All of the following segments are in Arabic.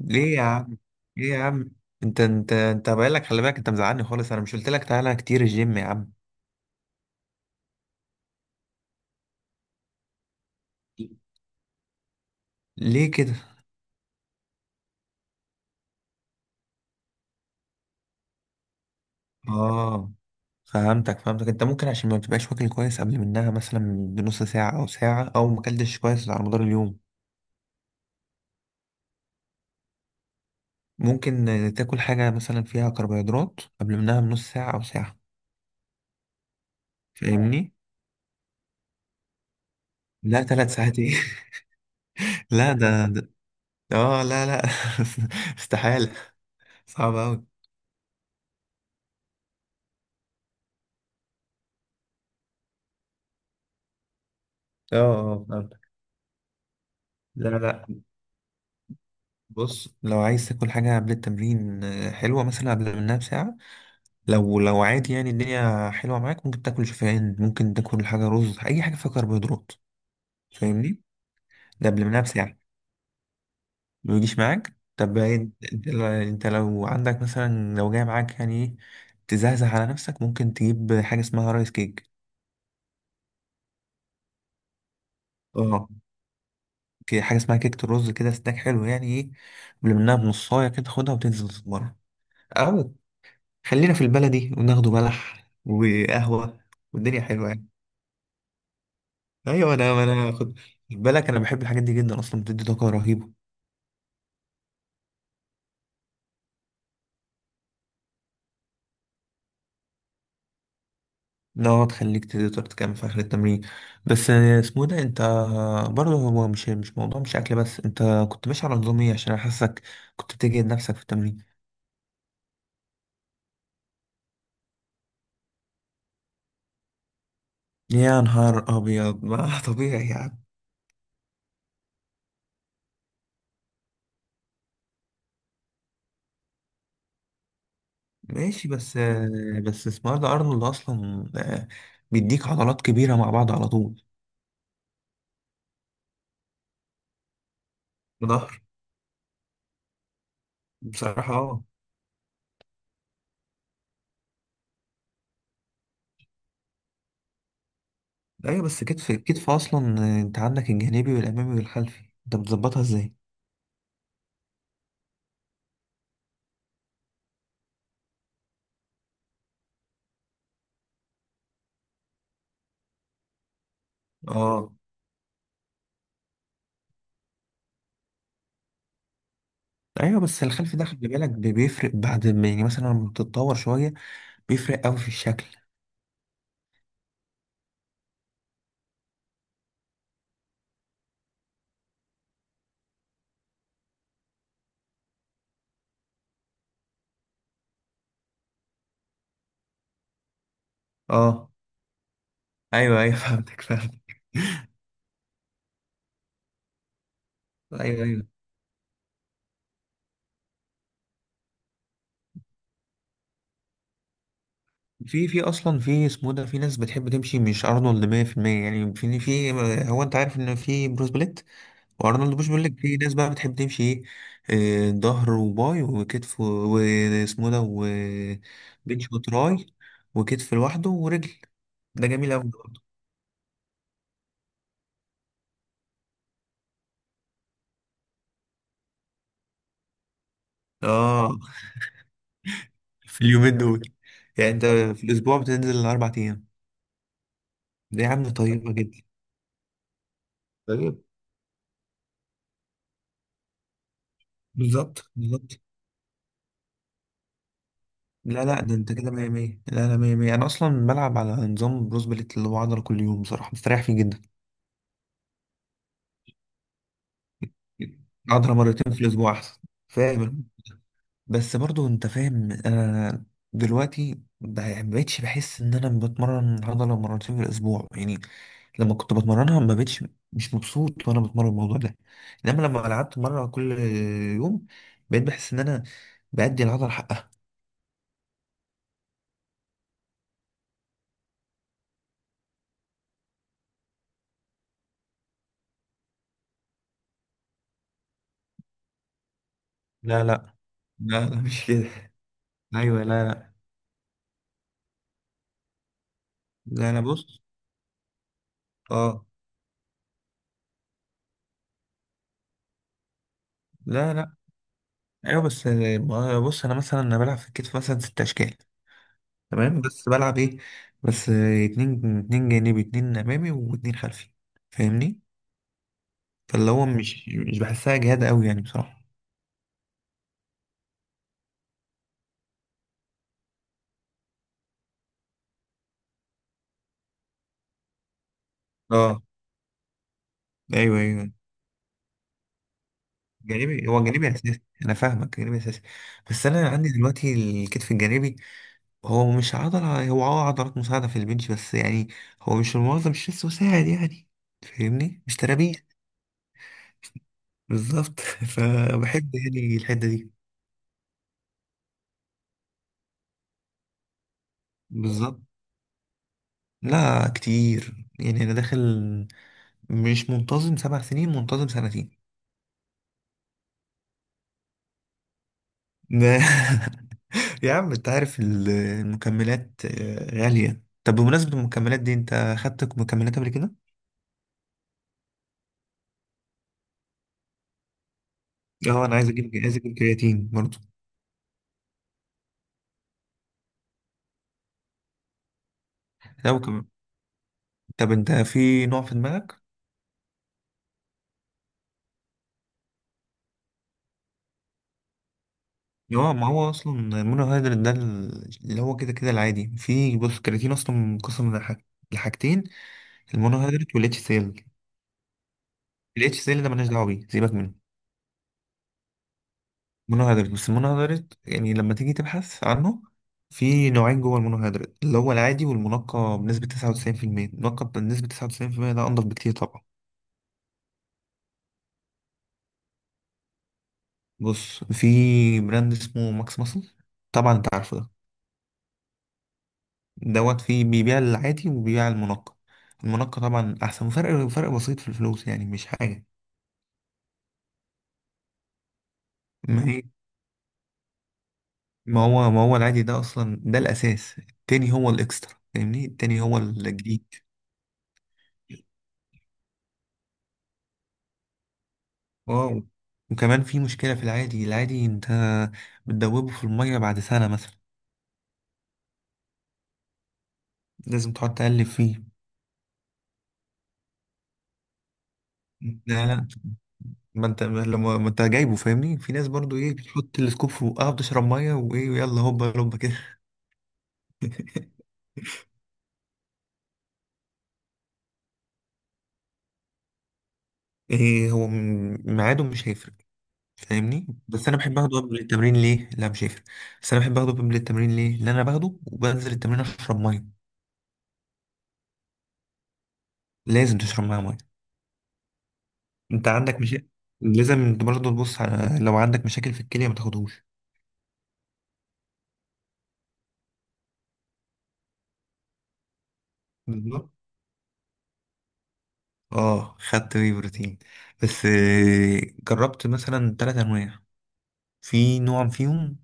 ليه يا عم ليه يا عم؟ انت بقالك، خلي بالك، انت مزعلني خالص. انا مش قلت لك تعالى كتير الجيم يا عم؟ ليه كده؟ اه، فهمتك. انت ممكن عشان ما بتبقاش واكل كويس قبل منها، مثلا بنص ساعة او ساعة، او ما اكلتش كويس على مدار اليوم. ممكن، تاكل حاجة مثلا فيها كربوهيدرات قبل منها بنص ساعة او ساعة. فاهمني. لا، ثلاث ساعات ايه؟ لا، ده. اه، لا لا. استحالة. صعب اوي. اه اه، فهمتك. لا لا. بص، لو عايز تاكل حاجة قبل التمرين، حلوة مثلا قبل منها بساعة. لو عادي، يعني الدنيا حلوة معاك، ممكن تاكل شوفان، ممكن تاكل حاجة رز، أي حاجة فيها كربوهيدرات. فاهمني؟ ده قبل منها بساعة. ما يجيش معاك؟ طب انت انت لو عندك مثلا، لو جاي معاك يعني ايه، تزهزه على نفسك، ممكن تجيب حاجة اسمها رايس كيك. اه، حاجة اسمها كيكة الرز كده، سناك حلو يعني ايه. قبل منها بنصاية كده، خدها وتنزل تتمرن. أو خلينا في البلدي وناخده بلح وقهوة. والدنيا حلوة يعني. ايوه، انا خد بالك، انا بحب الحاجات دي جدا، اصلا بتدي طاقة رهيبة. انها تخليك تقدر تكمل في اخر التمرين. بس اسمه ده، انت برضه هو مش موضوع، مش اكل بس. انت كنت ماشي على نظام ايه؟ عشان انا حاسك كنت بتجهد نفسك في التمرين. يا نهار ابيض! ما طبيعي يعني. ماشي، بس اسمه ده ارنولد اصلا، بيديك عضلات كبيرة مع بعض على طول. في ظهر، بصراحة. اه، ايوه، بس كتف كتف اصلا، انت عندك الجانبي والامامي والخلفي، انت بتظبطها ازاي؟ اه، ايوه، بس الخلفي ده خلي بالك، بيفرق بعد ما، يعني مثلا لما بتتطور شويه، بيفرق قوي في الشكل. اه، ايوه ايوه. فهمتك. ايوه ايوه. في، في اصلا في اسمه ده، في ناس بتحب تمشي مش ارنولد 100%، يعني في هو. انت عارف ان في بروس بليت وارنولد بوش. بيقول لك في ناس بقى بتحب تمشي ايه، ظهر وباي وكتف واسمه ده وبنش وتراي وكتف لوحده ورجل. ده جميل قوي برضه. اه، في اليومين دول. يعني انت في الاسبوع بتنزل الاربع ايام؟ ده يا عم طيبه جدا. طيب، بالظبط بالظبط. لا لا، ده انت كده 100 100، لا لا، 100 100. انا اصلا بلعب على نظام بروس بليت اللي هو عضله كل يوم، بصراحه مستريح فيه جدا. عضله مرتين في الاسبوع احسن. فاهم. بس برضو انت فاهم، انا دلوقتي يعني ما بقتش بحس ان انا بتمرن عضله مرتين في الاسبوع يعني. لما كنت بتمرنها، ما بقتش مش مبسوط وانا بتمرن الموضوع ده. انما لما لعبت مره كل يوم، بقيت بحس ان انا بأدي العضله حقها. لا لا لا لا، مش كده. ايوه، لا لا لا، انا بص. اه، لا لا. ايوه، بس بص، انا مثلا انا بلعب في الكتف مثلا ست اشكال. تمام، بس بلعب ايه؟ بس اتنين جانبي، اتنين امامي، واتنين خلفي. فاهمني؟ فاللي هو مش بحسها جهاد قوي يعني بصراحه. اه، ايوه ايوه. جانبي هو جانبي اساسي، انا فاهمك، جانبي اساسي. بس انا عندي دلوقتي الكتف الجانبي هو مش عضله، هو عضلات مساعده في البنش بس يعني. هو مش المنظم، مش لسه مساعد يعني. فاهمني، مش ترابيه. بالظبط. فبحب يعني الحته دي. بالظبط. لا، كتير، يعني انا داخل مش منتظم 7 سنين، منتظم سنتين. ده. يا عم انت عارف المكملات، غالية. طب بمناسبة المكملات دي، انت خدت مكملات قبل كده؟ اه، انا عايز اجيب، عايز اجيب كرياتين برضه. لو كم... طب انت في نوع في دماغك؟ اه، ما هو اصلا المونوهيدرات ده اللي هو كده كده العادي. في، بص، الكرياتين اصلا منقسم لحاجتين، المونوهيدرات والاتش سيل. الاتش سيل ده ملناش دعوة بيه، سيبك منه. مونوهيدرات. بس المونوهيدرات يعني لما تيجي تبحث عنه، في نوعين جوه المونوهيدرات، اللي هو العادي والمنقى بنسبة 99%. المنقى بنسبة 99% ده أنضف بكتير طبعا. بص، في براند اسمه ماكس ماسل، طبعا أنت عارفه ده، دوت فيه بيبيع العادي وبيبيع المنقى. المنقى طبعا أحسن، وفرق، فرق بسيط في الفلوس، يعني مش حاجة. ما هي، ما هو، ما هو العادي ده أصلا، ده الأساس. التاني هو الإكسترا، فاهمني، التاني هو الجديد. واو. وكمان في مشكلة في العادي. العادي انت بتدوبه في المية بعد سنة مثلا، لازم تقعد تقلب فيه. لا لا، ما انت جايبه، فاهمني. في ناس برضو ايه، بتحط السكوب في بقها، بتشرب مية وايه ويلا، هوبا هوبا كده. ايه، هو ميعاده مش هيفرق. فاهمني؟ بس انا بحب اخده قبل التمرين. ليه؟ لا، مش هيفرق. بس انا بحب اخده قبل التمرين، ليه؟ لان انا باخده وبنزل التمرين اشرب ميه. لازم تشرب معاه ميه. انت عندك مشاكل؟ لازم انت برضه تبص. على لو عندك مشاكل في الكليه ما تاخدهوش. بالظبط. اه، خدت وي بروتين. بس، جربت مثلا تلات انواع. في نوع فيهم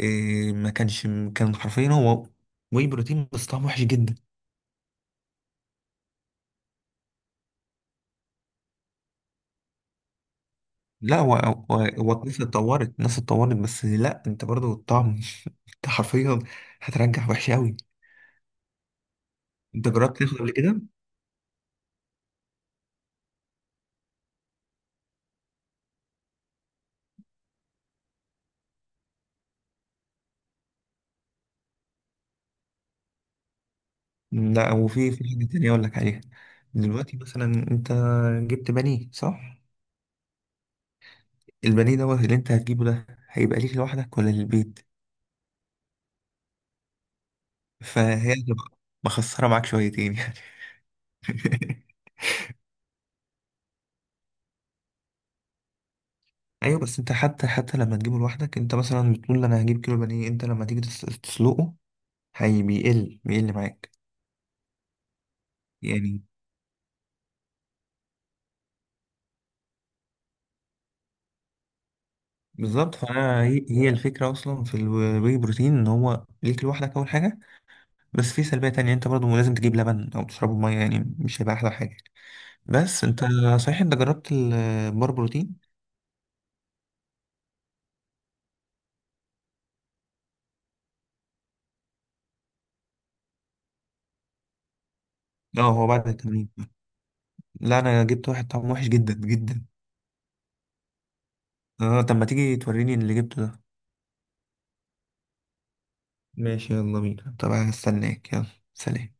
ما كانش كان حرفيا هو وي بروتين، بس طعمه وحش جدا. لا، هو هو الناس اتطورت، الناس اتطورت. بس لا، انت برضو الطعم. انت حرفيا هترجع وحش قوي. انت جربت تاخد قبل كده؟ لا. وفي، حاجه تانية اقول لك عليها. دلوقتي مثلا انت جبت بانيه، صح؟ البانيه دوت اللي انت هتجيبه ده، هيبقى ليك لوحدك ولا للبيت؟ فهي تبقى مخسرة معاك شويتين يعني. ايوه، بس انت حتى لما تجيبه لوحدك، انت مثلا بتقول انا هجيب كيلو بانيه، انت لما تيجي تسلقه هي بيقل، بيقل معاك يعني. بالظبط. فانا، هي الفكره اصلا في الواي بروتين ان هو ليك لوحدك اول حاجه. بس في سلبيه تانية، انت برضه لازم تجيب لبن او تشربه ميه، يعني مش هيبقى احلى حاجه. بس انت، صحيح، انت جربت البار بروتين؟ اه. هو بعد التمرين، لا، انا جبت واحد طعمه وحش جدا جدا. اه، طب ما تيجي توريني اللي جبته ده. ماشي، يلا بينا طبعا، هستناك، يلا. سلام.